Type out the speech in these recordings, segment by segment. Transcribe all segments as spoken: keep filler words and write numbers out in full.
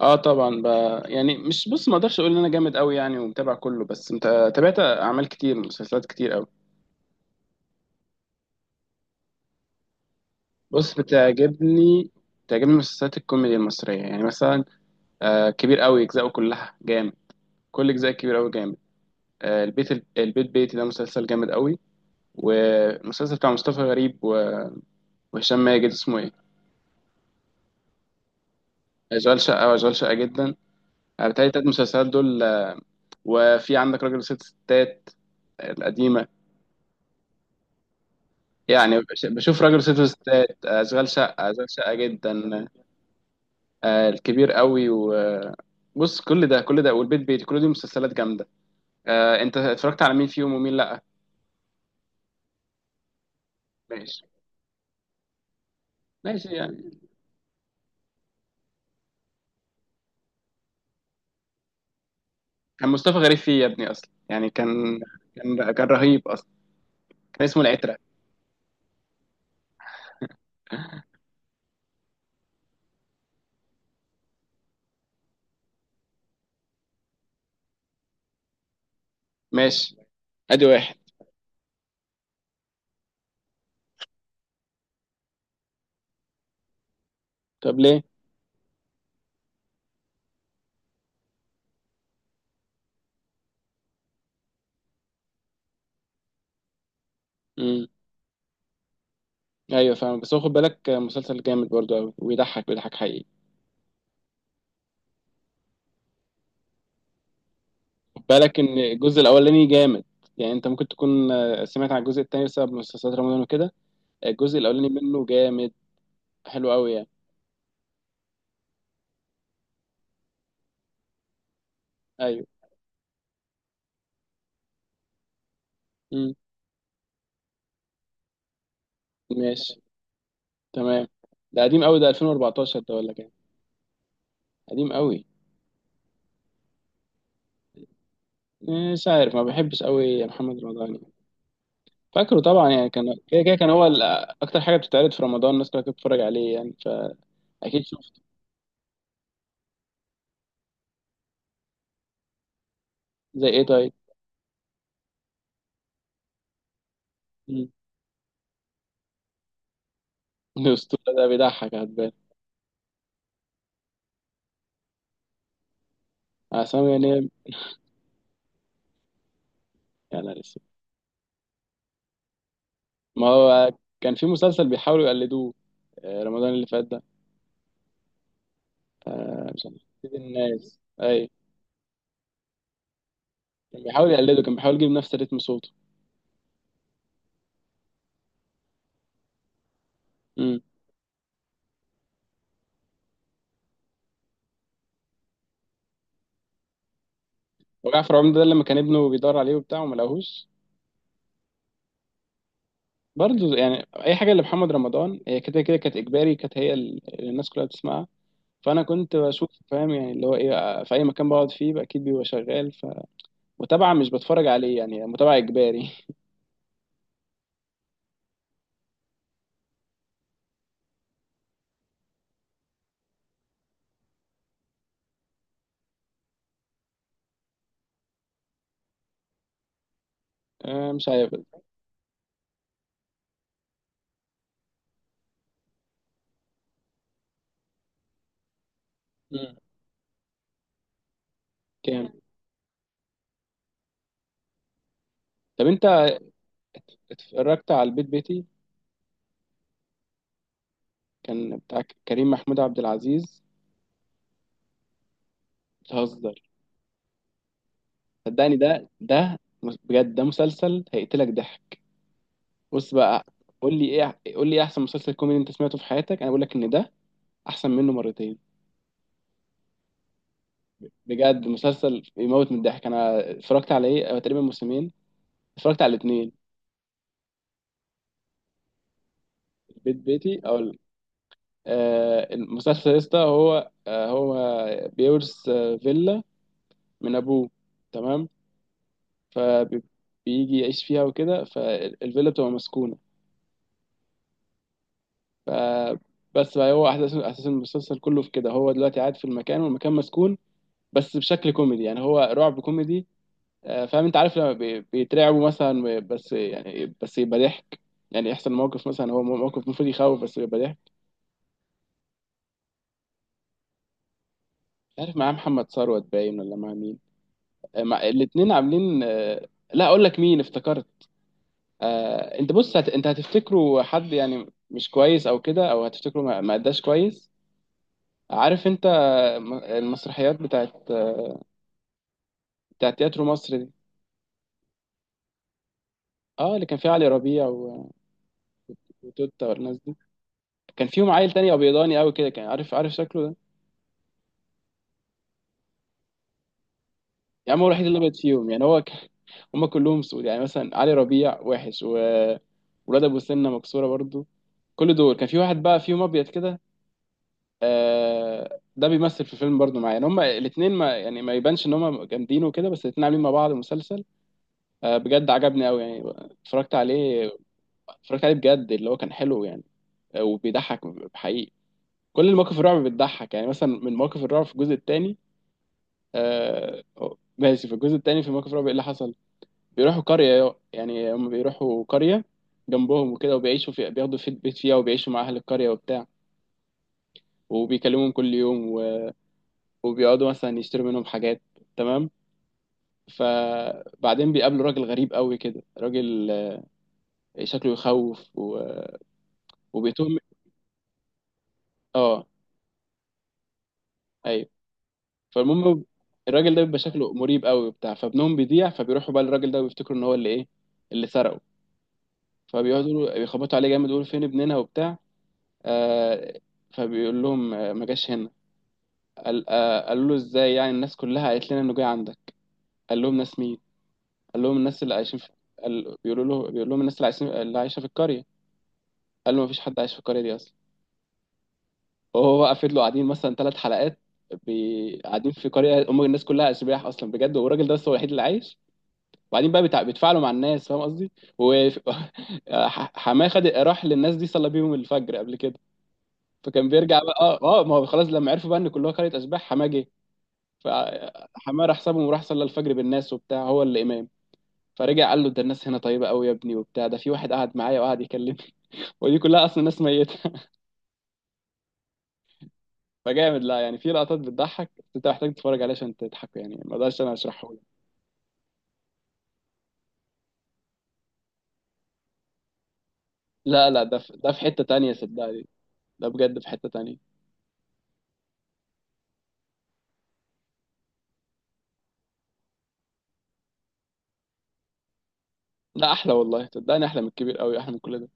اه، طبعا بقى. يعني مش بص، ما اقدرش اقول ان انا جامد قوي يعني، ومتابع كله. بس انت تابعت اعمال كتير، مسلسلات كتير قوي. بص، بتعجبني بتعجبني مسلسلات الكوميديا المصريه. يعني مثلا، آه كبير قوي اجزاءه كلها جامد، كل اجزاء كبير قوي جامد. آه البيت البيت بيتي ده مسلسل جامد قوي. والمسلسل بتاع مصطفى غريب و- وهشام ماجد، اسمه ايه؟ اشغال شقه، واشغال شقه جدا. آه، بتهيألي التلات مسلسلات دول. آه، وفي عندك راجل وست ستات، آه، القديمه. يعني بش- بشوف راجل ست ستات، اشغال شقه، اشغال شقه جدا. آه، الكبير قوي، وبص كل ده كل ده والبيت بيتي، كل دي مسلسلات جامده. آه، انت اتفرجت على مين فيهم ومين لا؟ ماشي، ماشي. يعني كان مصطفى غريب فيه يا ابني اصلا، يعني كان كان كان رهيب اصلا، كان اسمه العترة. ماشي، ادي واحد. طب ليه؟ امم. ايوه، فاهم. بس هو خد بالك مسلسل جامد برضو قوي، ويضحك، بيضحك حقيقي. خد بالك ان الجزء الاولاني جامد. يعني انت ممكن تكون آه، سمعت عن الجزء التاني بسبب مسلسلات رمضان وكده. الجزء الاولاني منه جامد، حلو قوي يعني. ايوه. امم، ماشي، تمام. ده قديم قوي، ده ألفين وأربعتاشر ده ولا كام؟ قديم قوي. مش عارف، ما بحبش قوي يا محمد رمضان يعني. فاكره طبعا يعني. كان كده كده كان هو ال- اكتر حاجه بتتعرض في رمضان، الناس كلها كانت بتتفرج عليه، يعني فاكيد شفته. زي ايه طيب؟ مم. الاسطوره ده بيضحك هتبان. عصام ينام. يا نهار اسود. ما هو كان في مسلسل بيحاولوا يقلدوه، آه، رمضان اللي فات ده. آه، مش عارف، سيد الناس اي. كان بيحاول يقلده، كان بيحاول يجيب نفس رتم صوته. امم. وجعفر عمده ده لما كان ابنه بيدور عليه وبتاع، وما لقاهوش. برضه، يعني اي حاجه لمحمد رمضان هي كده كده كانت اجباري، كانت هي ال- اللي الناس كلها بتسمعها. فانا كنت بشوف، فاهم؟ يعني اللي هو ايه، في اي مكان بقعد فيه بقى اكيد بيبقى شغال. فمتابعه، مش بتفرج عليه يعني، متابعه اجباري. آه، مش عارف. امم. كام؟ طب انت اتفرجت على البيت بيتي؟ كان بتاع كريم محمود عبد العزيز. بتهزر؟ صدقني ده ده بجد، ده مسلسل هيقتلك ضحك. بص بقى، قول لي ايه، قول لي ايه احسن مسلسل كوميدي انت سمعته في حياتك؟ انا بقول لك ان ده احسن منه مرتين. بجد، مسلسل يموت من الضحك. انا اتفرجت على ايه أو تقريبا موسمين، اتفرجت على الاثنين. بيت بيتي او ال- آه المسلسل يا اسطى، هو آه هو بيورث آه فيلا من ابوه، تمام؟ فبيجي يعيش فيها وكده، فالفيلا بتبقى مسكونه. فبس بقى هو احداث اساس المسلسل كله في كده، هو دلوقتي قاعد في المكان، والمكان مسكون، بس بشكل كوميدي. يعني هو رعب كوميدي. آه، فاهم؟ انت عارف لما بي- بيترعبوا مثلا، بس يعني بس يبقى ضحك. يعني يحصل موقف مثلا، هو مو- موقف المفروض يخوف بس يبقى ضحك. مش عارف معاه محمد ثروت باين، ولا مع مين. آه، مع الاتنين عاملين. آه، لا اقول لك مين افتكرت. آه، انت بص، هت... انت هتفتكره حد يعني مش كويس او كده، او هتفتكره ما ما اداش كويس. عارف انت آه، م- المسرحيات بتاعت، آه، بتاعت تياترو مصر دي. اه، اللي كان فيها علي ربيع و- وتوتة والناس دي. كان فيهم عيل تاني ابيضاني قوي كده، كان عارف، عارف شكله ده؟ يا عم، هو الوحيد اللي ابيض فيهم، يعني هو ك... هم كلهم سود، يعني مثلا علي ربيع وحش، وولاد ابو سنه مكسوره برضو. كل دول كان في واحد بقى فيهم ابيض كده. آه، ده بيمثل في الفيلم برضو معايا. يعني هم الاثنين ما يعني ما يبانش ان هم جامدين وكده، بس الاثنين عاملين مع بعض مسلسل، آه، بجد عجبني قوي يعني. اتفرجت عليه، اتفرجت عليه بجد، اللي هو كان حلو يعني. آه، وبيضحك حقيقي. كل المواقف الرعب بتضحك يعني. مثلا من مواقف الرعب في الجزء الثاني، آه، ماشي، في الجزء الثاني في مواقف الرعب ايه اللي حصل؟ بيروحوا قرية يعني، هم بيروحوا قرية جنبهم وكده، وبيعيشوا في، بياخدوا في بيت فيها، وبيعيشوا مع أهل القرية وبتاع، وبيكلمهم كل يوم و- وبيقعدوا مثلا يشتروا منهم حاجات، تمام؟ فبعدين بيقابلوا راجل غريب قوي كده، راجل آه، شكله يخوف و- وبيتهم. اه، ايوه. فالمهم، الراجل ده بيبقى شكله مريب قوي وبتاع. فابنهم بيضيع، فبيروحوا بقى للراجل ده، ويفتكروا ان هو اللي ايه، اللي سرقه. فبيقعدوا يقولوا- بيخبطوا عليه جامد، يقولوا فين ابننا وبتاع. آه، فبيقول لهم، آه، ما جاش هنا. قال- آه، قالوا له ازاي يعني؟ الناس كلها قالت لنا انه جاي عندك. قال لهم ناس مين؟ قال لهم الناس اللي عايشين في. قال... بيقولوا له، بيقول لهم الناس اللي عايشين، اللي عايشه في القريه. قال له مفيش حد عايش في القريه دي اصلا. وهو بقى فضلوا قاعدين مثلا ثلاث حلقات، بي... قاعدين في قريه، هم الناس كلها اشباح اصلا بجد، والراجل ده بس هو الوحيد اللي عايش. وبعدين بقى بتع... بيتفاعلوا مع الناس، فاهم قصدي؟ و ح- حماه خد، راح للناس دي، صلى بيهم الفجر قبل كده. فكان بيرجع بقى. اه اه، ما هو خلاص لما عرفوا بقى ان كلها قريه اشباح، حماه جه فحمار حسابهم، وراح صلى الفجر بالناس وبتاع، هو اللي امام. فرجع قال له ده الناس هنا طيبه قوي يا ابني وبتاع، ده في واحد قعد معايا وقعد يكلمني، ودي كلها اصلا ناس ميته. فجامد. لا يعني في لقطات بتضحك، بس انت محتاج تتفرج عليها عشان تضحك يعني، ما اقدرش انا اشرحه لك. لا لا، ده في ده في حته تانية، صدقني. ده بجد في حته تانية. لا، احلى والله، صدقني احلى من الكبير قوي، احلى من كل ده.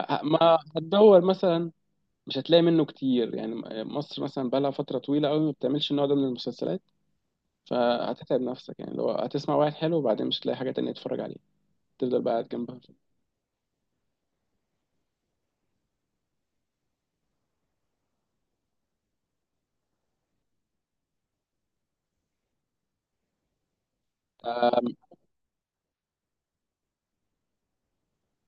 أ- ما هتدور مثلا، مش هتلاقي منه كتير يعني. مصر مثلا بقالها فتره طويله قوي ما بتعملش النوع ده من المسلسلات، فهتتعب نفسك يعني. لو هتسمع واحد حلو وبعدين مش هتلاقي حاجة تانية تتفرج عليها، تفضل بقى قاعد جنبها. أم،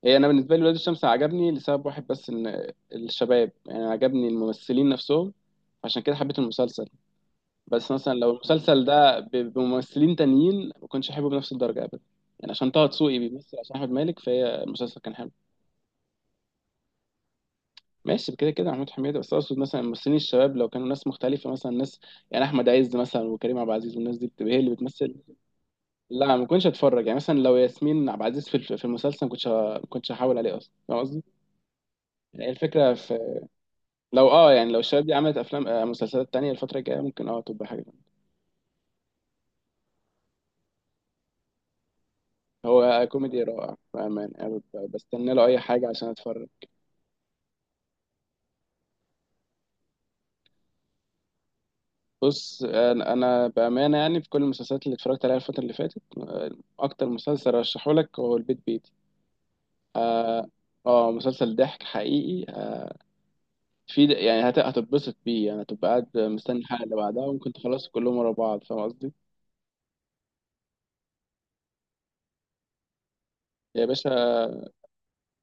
هي انا بالنسبه لي ولاد الشمس عجبني لسبب واحد بس، ان الشباب يعني عجبني الممثلين نفسهم. عشان كده حبيت المسلسل. بس مثلا لو المسلسل ده ب- بممثلين تانيين، ما كنتش احبه بنفس الدرجه ابدا. يعني عشان طه دسوقي بيمثل، عشان احمد مالك، فهي المسلسل كان حلو. ماشي، كده كده محمود حميده. بس اقصد مثلا الممثلين الشباب لو كانوا ناس مختلفه، مثلا ناس، يعني احمد عز مثلا وكريم عبد العزيز، والناس دي بتبقى هي اللي بتمثل. لا، ما كنتش اتفرج يعني. مثلا لو ياسمين عبد العزيز في الف- في المسلسل، ما كنتش ه- ما كنتش هحاول عليه اصلا، فاهم قصدي؟ يعني الفكره في، لو اه يعني لو الشباب دي عملت افلام، آه، مسلسلات تانية الفتره الجايه ممكن اه تبقى حاجه تانية. هو كوميدي رائع بامان. أنا ب- بستنى له اي حاجه عشان اتفرج. بص، انا أنا بامانه، يعني في كل المسلسلات اللي اتفرجت عليها الفتره اللي فاتت، آه، اكتر مسلسل رشحه لك هو البيت بيتي. اه، آه، مسلسل ضحك حقيقي. آه، في د- يعني هت- هتتبسط بيه، يعني هتبقى قاعد مستني الحلقه اللي بعدها، وممكن تخلص كلهم ورا بعض، فاهم قصدي؟ يا باشا،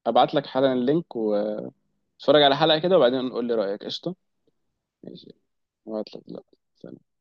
ابعت لك حالا اللينك، واتفرج على حلقة كده، وبعدين قول لي رأيك. قشطة، ماشي. ابعت لك دلوقتي. سلام.